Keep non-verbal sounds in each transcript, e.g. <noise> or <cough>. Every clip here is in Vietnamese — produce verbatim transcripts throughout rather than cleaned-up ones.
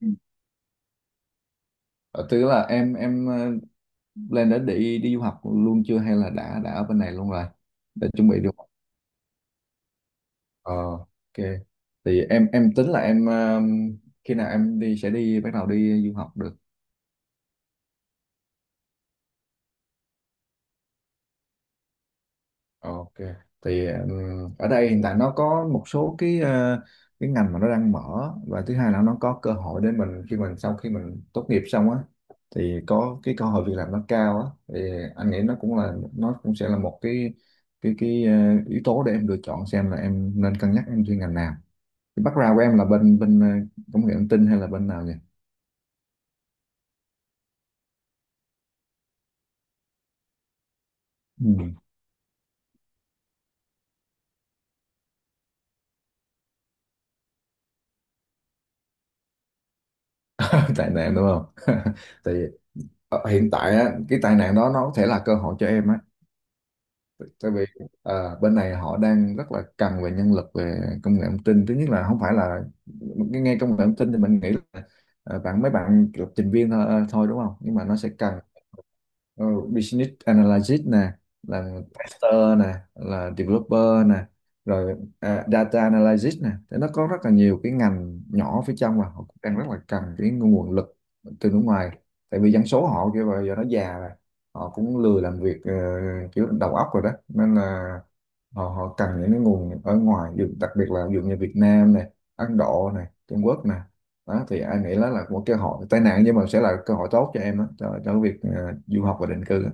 Ừ. Ờ, Tức là em em ờ, lên đã đi đi du học luôn chưa, hay là đã đã ở bên này luôn rồi để chuẩn bị du học. ờ ok, thì em em tính là em ờ, khi nào em đi sẽ đi bắt đầu đi du học được. Ok. Thì ừm, ở đây hiện tại nó có một số cái ờ, cái ngành mà nó đang mở, và thứ hai là nó có cơ hội để mình, khi mình sau khi mình tốt nghiệp xong á, thì có cái cơ hội việc làm nó cao á, thì anh nghĩ nó cũng là, nó cũng sẽ là một cái cái cái ờ, yếu tố để em lựa chọn xem là em nên cân nhắc em chuyên ngành nào. Cái background của em là bên bên ờ, công nghệ thông tin hay là bên nào nhỉ? Ừ. <laughs> Tệ nạn đúng không? <laughs> Thì ờ, hiện tại á, cái tai nạn đó nó có thể là cơ hội cho em á, tại vì à, bên này họ đang rất là cần về nhân lực về công nghệ thông tin. Thứ nhất là không phải là nghe nghe công nghệ thông tin thì mình nghĩ là à, bạn mấy bạn lập trình viên thôi, à, thôi, đúng không, nhưng mà nó sẽ cần ờ, business analyst nè, là tester nè, là developer nè, rồi à, data analyst nè. Thế nó có rất là nhiều cái ngành nhỏ phía trong mà họ cũng đang rất là cần cái nguồn lực từ nước ngoài, tại vì dân số họ kêu bây giờ nó già, họ cũng lười làm việc ờ, kiểu đầu óc rồi đó, nên là họ họ cần những cái nguồn ở ngoài, ví dụ- đặc biệt là ví dụ như Việt Nam này, Ấn Độ này, Trung Quốc này. Đó thì anh nghĩ đó là một cơ hội tai nạn nhưng mà sẽ là cơ hội tốt cho em đó, cho cho cái việc ờ, du học và định cư.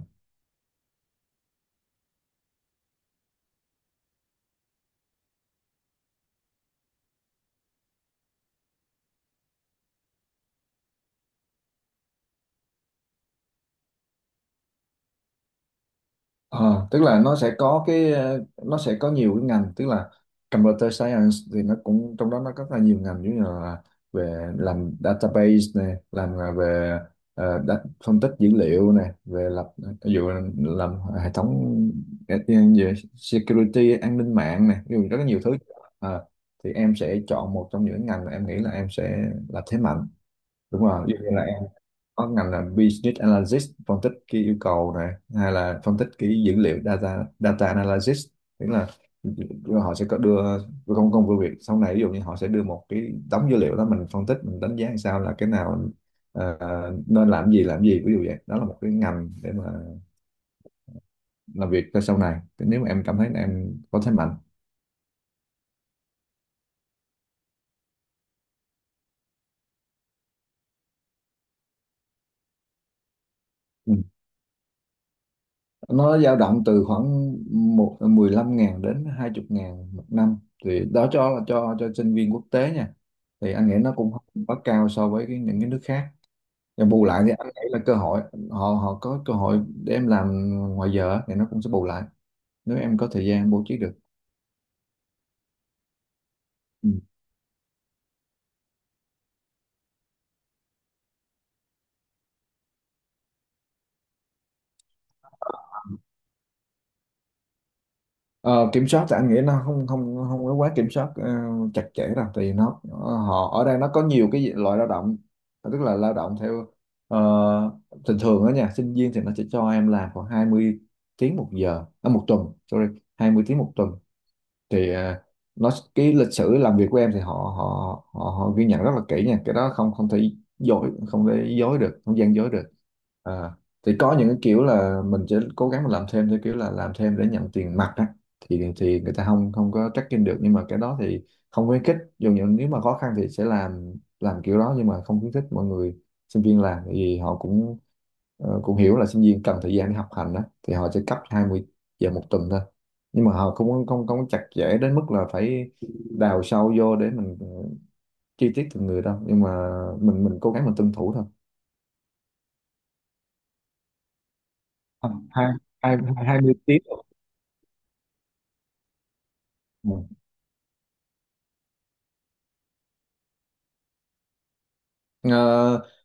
Ờ, tức là nó sẽ có cái ờ, nó sẽ có nhiều cái ngành, tức là computer science thì nó cũng trong đó nó có rất là nhiều ngành, giống như là về làm database này, làm là về ờ, đa- phân tích dữ liệu này, về lập, ví dụ làm hệ thống, ờ, về security an ninh mạng này, ví dụ rất là nhiều thứ. Ờ, thì em sẽ chọn một trong những ngành mà em nghĩ là em sẽ là thế mạnh. Đúng rồi, ví dụ như là có ngành là business analysis, phân tích cái yêu cầu này, hay là phân tích cái dữ liệu, data data analysis, tức là họ sẽ có đưa công công việc việc sau này. Ví dụ như họ sẽ đưa một cái đống dữ liệu đó, mình phân tích, mình đánh giá làm sao là cái nào ờ, nên làm gì, làm gì, ví dụ vậy đó, là một cái ngành để mà làm việc cho sau này, nếu mà em cảm thấy là em có thế mạnh. Nó dao động từ khoảng một mười lăm ngàn đến hai mươi ngàn một năm, thì đó cho là cho cho sinh viên quốc tế nha. Thì anh nghĩ nó cũng không quá cao so với cái, những cái nước khác, và bù lại thì anh nghĩ là cơ hội, họ họ có cơ hội để em làm ngoài giờ á, thì nó cũng sẽ bù lại nếu em có thời gian bố trí được. Ừ. Ờ, kiểm soát thì anh nghĩ nó không không không có quá kiểm soát ờ, chặt chẽ đâu. Thì nó, họ ở đây nó có nhiều cái loại lao động, tức là lao động theo ờ, thường thường đó nha, sinh viên thì nó sẽ cho em làm khoảng hai mươi tiếng một giờ, à, một tuần sorry, hai mươi tiếng một tuần. Thì à, nó, cái lịch sử làm việc của em thì họ họ họ họ ghi nhận rất là kỹ nha, cái đó không không thể dối, không thể dối được, không gian dối được. à, thì có những cái kiểu là mình sẽ cố gắng mà làm thêm theo kiểu là làm thêm để nhận tiền mặt á, thì thì người ta không không có tracking được, nhưng mà cái đó thì không khuyến khích, dù những nếu mà khó khăn thì sẽ làm làm kiểu đó, nhưng mà không khuyến khích mọi người sinh viên làm. Tại vì họ cũng ờ, cũng hiểu là sinh viên cần thời gian để học hành đó, thì họ sẽ cấp hai mươi giờ một tuần thôi. Nhưng mà họ cũng không không không có chặt chẽ đến mức là phải đào sâu vô để mình chi tiết từng người đâu, nhưng mà mình mình cố gắng mình tuân thủ thôi. Ờ, hai hai hai mươi tiếng. Ừ. Ờ,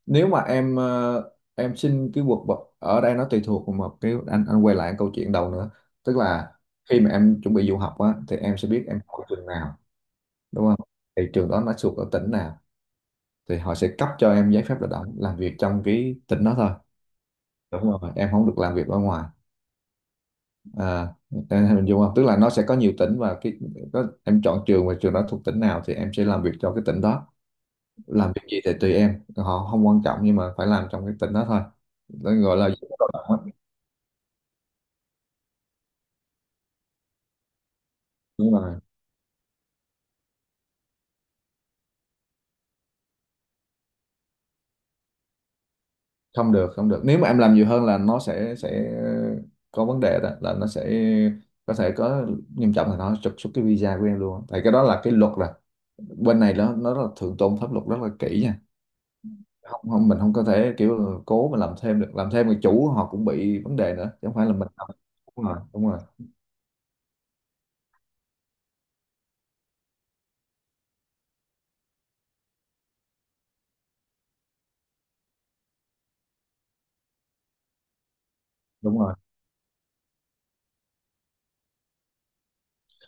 nếu mà em ờ, em xin cái quật bậc ở đây, nó tùy thuộc vào một cái, anh anh quay lại câu chuyện đầu nữa, tức là khi mà em chuẩn bị du học á, thì em sẽ biết em học trường nào, đúng không, thì trường đó nó thuộc ở tỉnh nào thì họ sẽ cấp cho em giấy phép lao động làm việc trong cái tỉnh đó thôi. Đúng rồi, em không được làm việc ở ngoài. à em hình dung không, tức là nó sẽ có nhiều tỉnh, và cái, có, em chọn trường và trường đó thuộc tỉnh nào thì em sẽ làm việc cho cái tỉnh đó. Làm việc gì thì tùy em, họ không quan trọng, nhưng mà phải làm trong cái tỉnh đó thôi. Nó gọi là dịch vụ lao động á. Nhưng mà không được không được, nếu mà em làm nhiều hơn là nó sẽ sẽ có vấn đề, đó là nó sẽ có thể có, nghiêm trọng là nó trục xuất cái visa của em luôn, tại cái đó là cái luật rồi. Bên này nó nó rất là thượng tôn pháp luật rất là kỹ nha, không không mình không có thể kiểu cố mà làm thêm được. Làm thêm, người chủ họ cũng bị vấn đề nữa, chứ không phải là mình làm. Đúng rồi, đúng rồi, đúng rồi.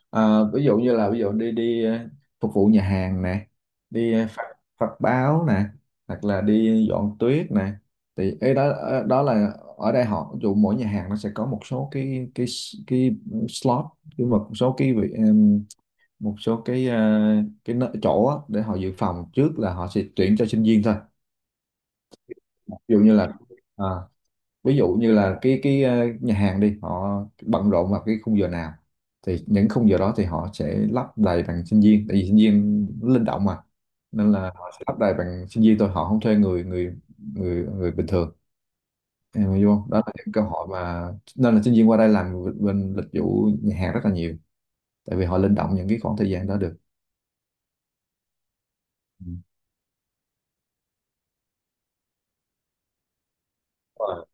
à, Ví dụ như là, ví dụ đi đi ờ, phục vụ nhà hàng nè, đi ờ, phát, phát báo nè, hoặc là đi dọn tuyết nè, thì ấy đó, ờ, đó là, ở đây họ, ví dụ mỗi nhà hàng nó sẽ có một số cái cái cái slot, nhưng mà một số cái vị- em, một số cái ờ, cái nơi- chỗ á, để họ dự phòng trước là họ sẽ tuyển cho sinh viên thôi. Ví dụ như là, à, ví dụ như là cái cái ờ, nhà hàng đi, họ bận rộn vào cái khung giờ nào, thì những khung giờ đó thì họ sẽ lắp đầy bằng sinh viên, tại vì sinh viên linh động mà, nên là họ sẽ lắp đầy bằng sinh viên thôi, họ không thuê người người người người bình thường, em hiểu không, đó là những cơ hội mà, nên là sinh viên qua đây làm bên lịch vụ nhà hàng rất là nhiều, tại vì họ linh động những cái khoảng thời gian đó được. Ừ.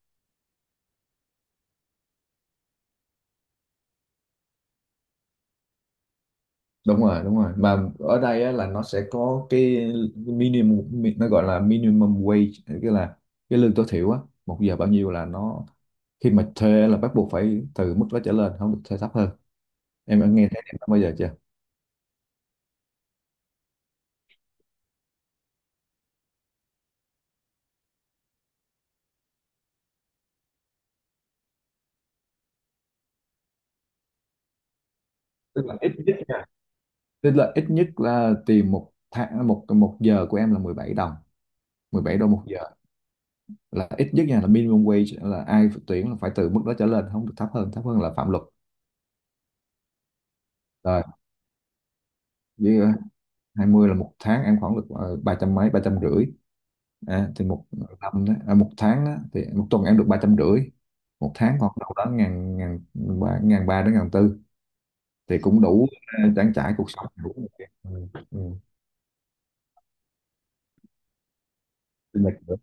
đúng rồi Đúng rồi, mà ở đây á, là nó sẽ có cái minimum mi- nó gọi là minimum wage, tức là cái lương tối thiểu á, một giờ bao nhiêu, là nó khi mà thuê là bắt buộc phải từ mức đó trở lên, không được thuê thấp hơn. Em đã nghe thấy em bao giờ chưa? Tức là ít nhất, tức là ít nhất là tìm một tháng, một một giờ của em là mười bảy đồng, mười bảy đô một giờ, là ít nhất nha, là minimum wage, là ai tuyển là phải từ mức đó trở lên, không được thấp hơn, thấp hơn là phạm luật rồi. Hai mươi là một tháng em khoảng được ờ, ba trăm mấy, ba trăm rưỡi, à, thì một năm đó, à, một tháng đó, thì một tuần em được ba trăm rưỡi, một tháng khoảng đâu đó ngàn, ngàn ba ngàn ba đến ngàn tư, thì cũng đủ ờ, trang trải cuộc sống, đủ một cái- ừ, ừ, sinh nhật nữa.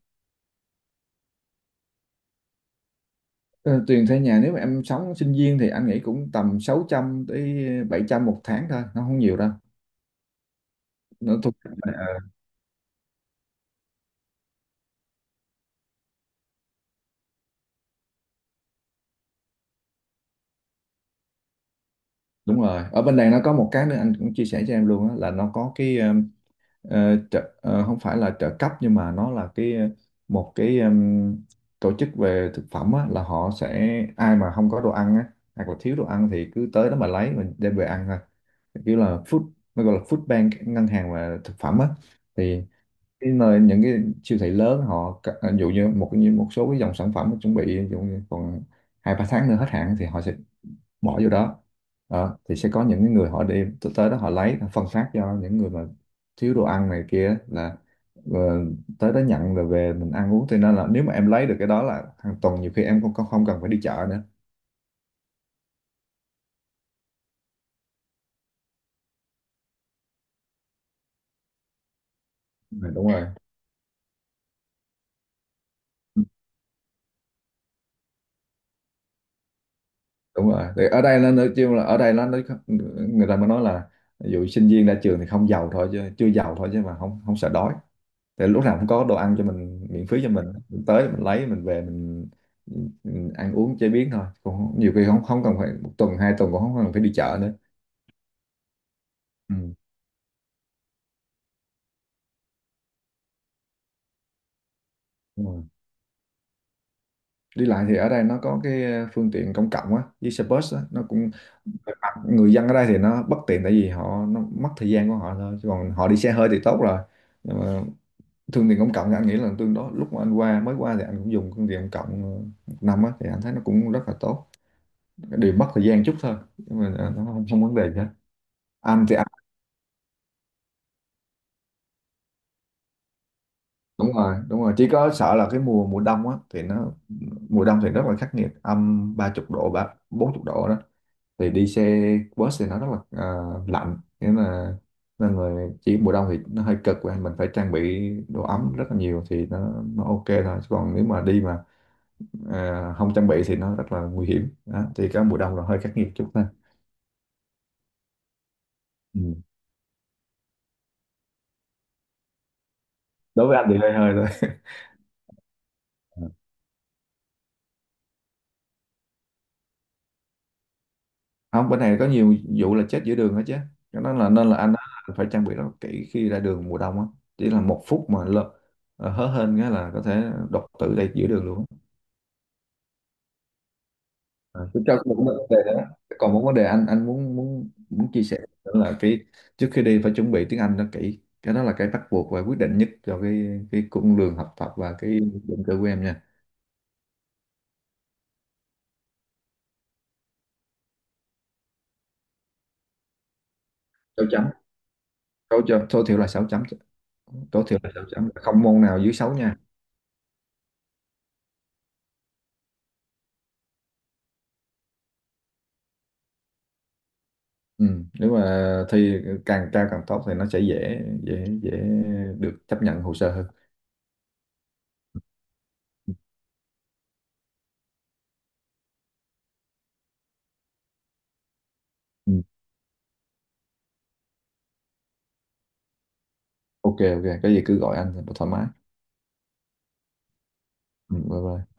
Ờ, tiền thuê nhà nếu mà em sống sinh viên thì anh nghĩ cũng tầm sáu trăm tới bảy trăm một tháng thôi, nó không nhiều đâu. nó thuộc ờ, Đúng rồi, ở bên này nó có một cái nữa anh cũng chia sẻ cho em luôn á, là nó có cái, ờ, Ờ, trợ, ờ, không phải là trợ cấp, nhưng mà nó là cái, ờ, một cái, ừm, tổ chức về thực phẩm á. Là họ sẽ Ai mà không có đồ ăn á, hoặc là thiếu đồ ăn thì cứ tới đó mà lấy, mình đem về ăn thôi. Kiểu là food, nó gọi là food bank, ngân hàng và thực phẩm á. Thì cái nơi những cái siêu thị lớn, họ c- ví dụ như một như một số cái dòng sản phẩm chuẩn bị, ví dụ như còn hai ba tháng nữa hết hạn thì họ sẽ bỏ vô đó. Đó, thì sẽ có những cái người họ đi t- tới đó họ lấy, họ phân phát cho những người mà thiếu đồ ăn này kia, là ờ, tới đó nhận rồi về mình ăn uống. Cho nên là nếu mà em lấy được cái đó là hàng tuần, nhiều khi em không không cần phải đi chợ nữa. Ừ, đúng rồi, đúng rồi, thì ở đây nó nói chung là, ở đây nó nói, người ta mới nói là ví dụ sinh viên ra trường thì không giàu thôi chứ, chưa giàu thôi chứ, mà không không sợ đói. Tại lúc nào cũng có đồ ăn cho mình miễn phí, cho mình mình tới mình lấy mình về, mình, mình ăn uống chế biến thôi, cũng không- nhiều khi không không cần phải, một tuần hai tuần cũng không cần phải đi chợ nữa. Ừ. Đúng rồi. Đi lại thì ở đây nó có cái, ờ, phương tiện công cộng á, với xe bus á, nó cũng, người dân ở đây thì nó bất tiện tại vì họ, nó mất thời gian của họ thôi, chứ còn họ đi xe hơi thì tốt rồi. Nhưng mà phương tiện công cộng thì anh nghĩ là tương đối. Lúc mà anh qua, mới qua thì anh cũng dùng phương tiện công cộng ờ, một năm á, thì anh thấy nó cũng rất là tốt, điều mất thời gian chút thôi, nhưng mà ờ, nó không, không vấn đề gì hết. Ăn thì ăn. Đúng rồi, đúng rồi, chỉ có sợ là cái mùa mùa đông á, thì nó, mùa đông thì rất là khắc nghiệt, âm ba chục độ, ba bốn chục độ đó. Thì đi xe bus thì nó rất là, ờ, lạnh, nên là nên là chỉ mùa đông thì nó hơi cực, và mình phải trang bị đồ ấm rất là nhiều, thì nó nó ok thôi. Chứ còn nếu mà đi mà ờ, không trang bị thì nó rất là nguy hiểm đó. Thì cái mùa đông là hơi khắc nghiệt chút thôi. Ừ. Đối với anh thì hơi hơi thôi. <laughs> Không, bên này có nhiều vụ là chết giữa đường hết chứ, cho nên là nên là anh đó phải trang bị rất kỹ khi ra đường mùa đông á. Chỉ là một phút mà lỡ hớ hên cái là có thể đột tử đây giữa đường luôn á. À, chúng ta còn một vấn đề nữa. Còn một vấn đề anh anh muốn muốn muốn chia sẻ nữa, là cái trước khi đi phải chuẩn bị tiếng Anh nó kỹ, cái đó là cái bắt buộc và quyết định nhất cho cái cái cung đường học tập và cái định cư của em nha. Sáu chấm. Tối cho tối thiểu là sáu chấm. Tối thiểu là sáu chấm, không môn nào dưới sáu nha. Ừ, nếu mà thi càng cao càng tốt thì nó sẽ dễ dễ dễ được chấp nhận hồ sơ hơn. Ừ. Ừ, Ok, ok, có gì cứ gọi anh thoải mái. Ừ, bye bye.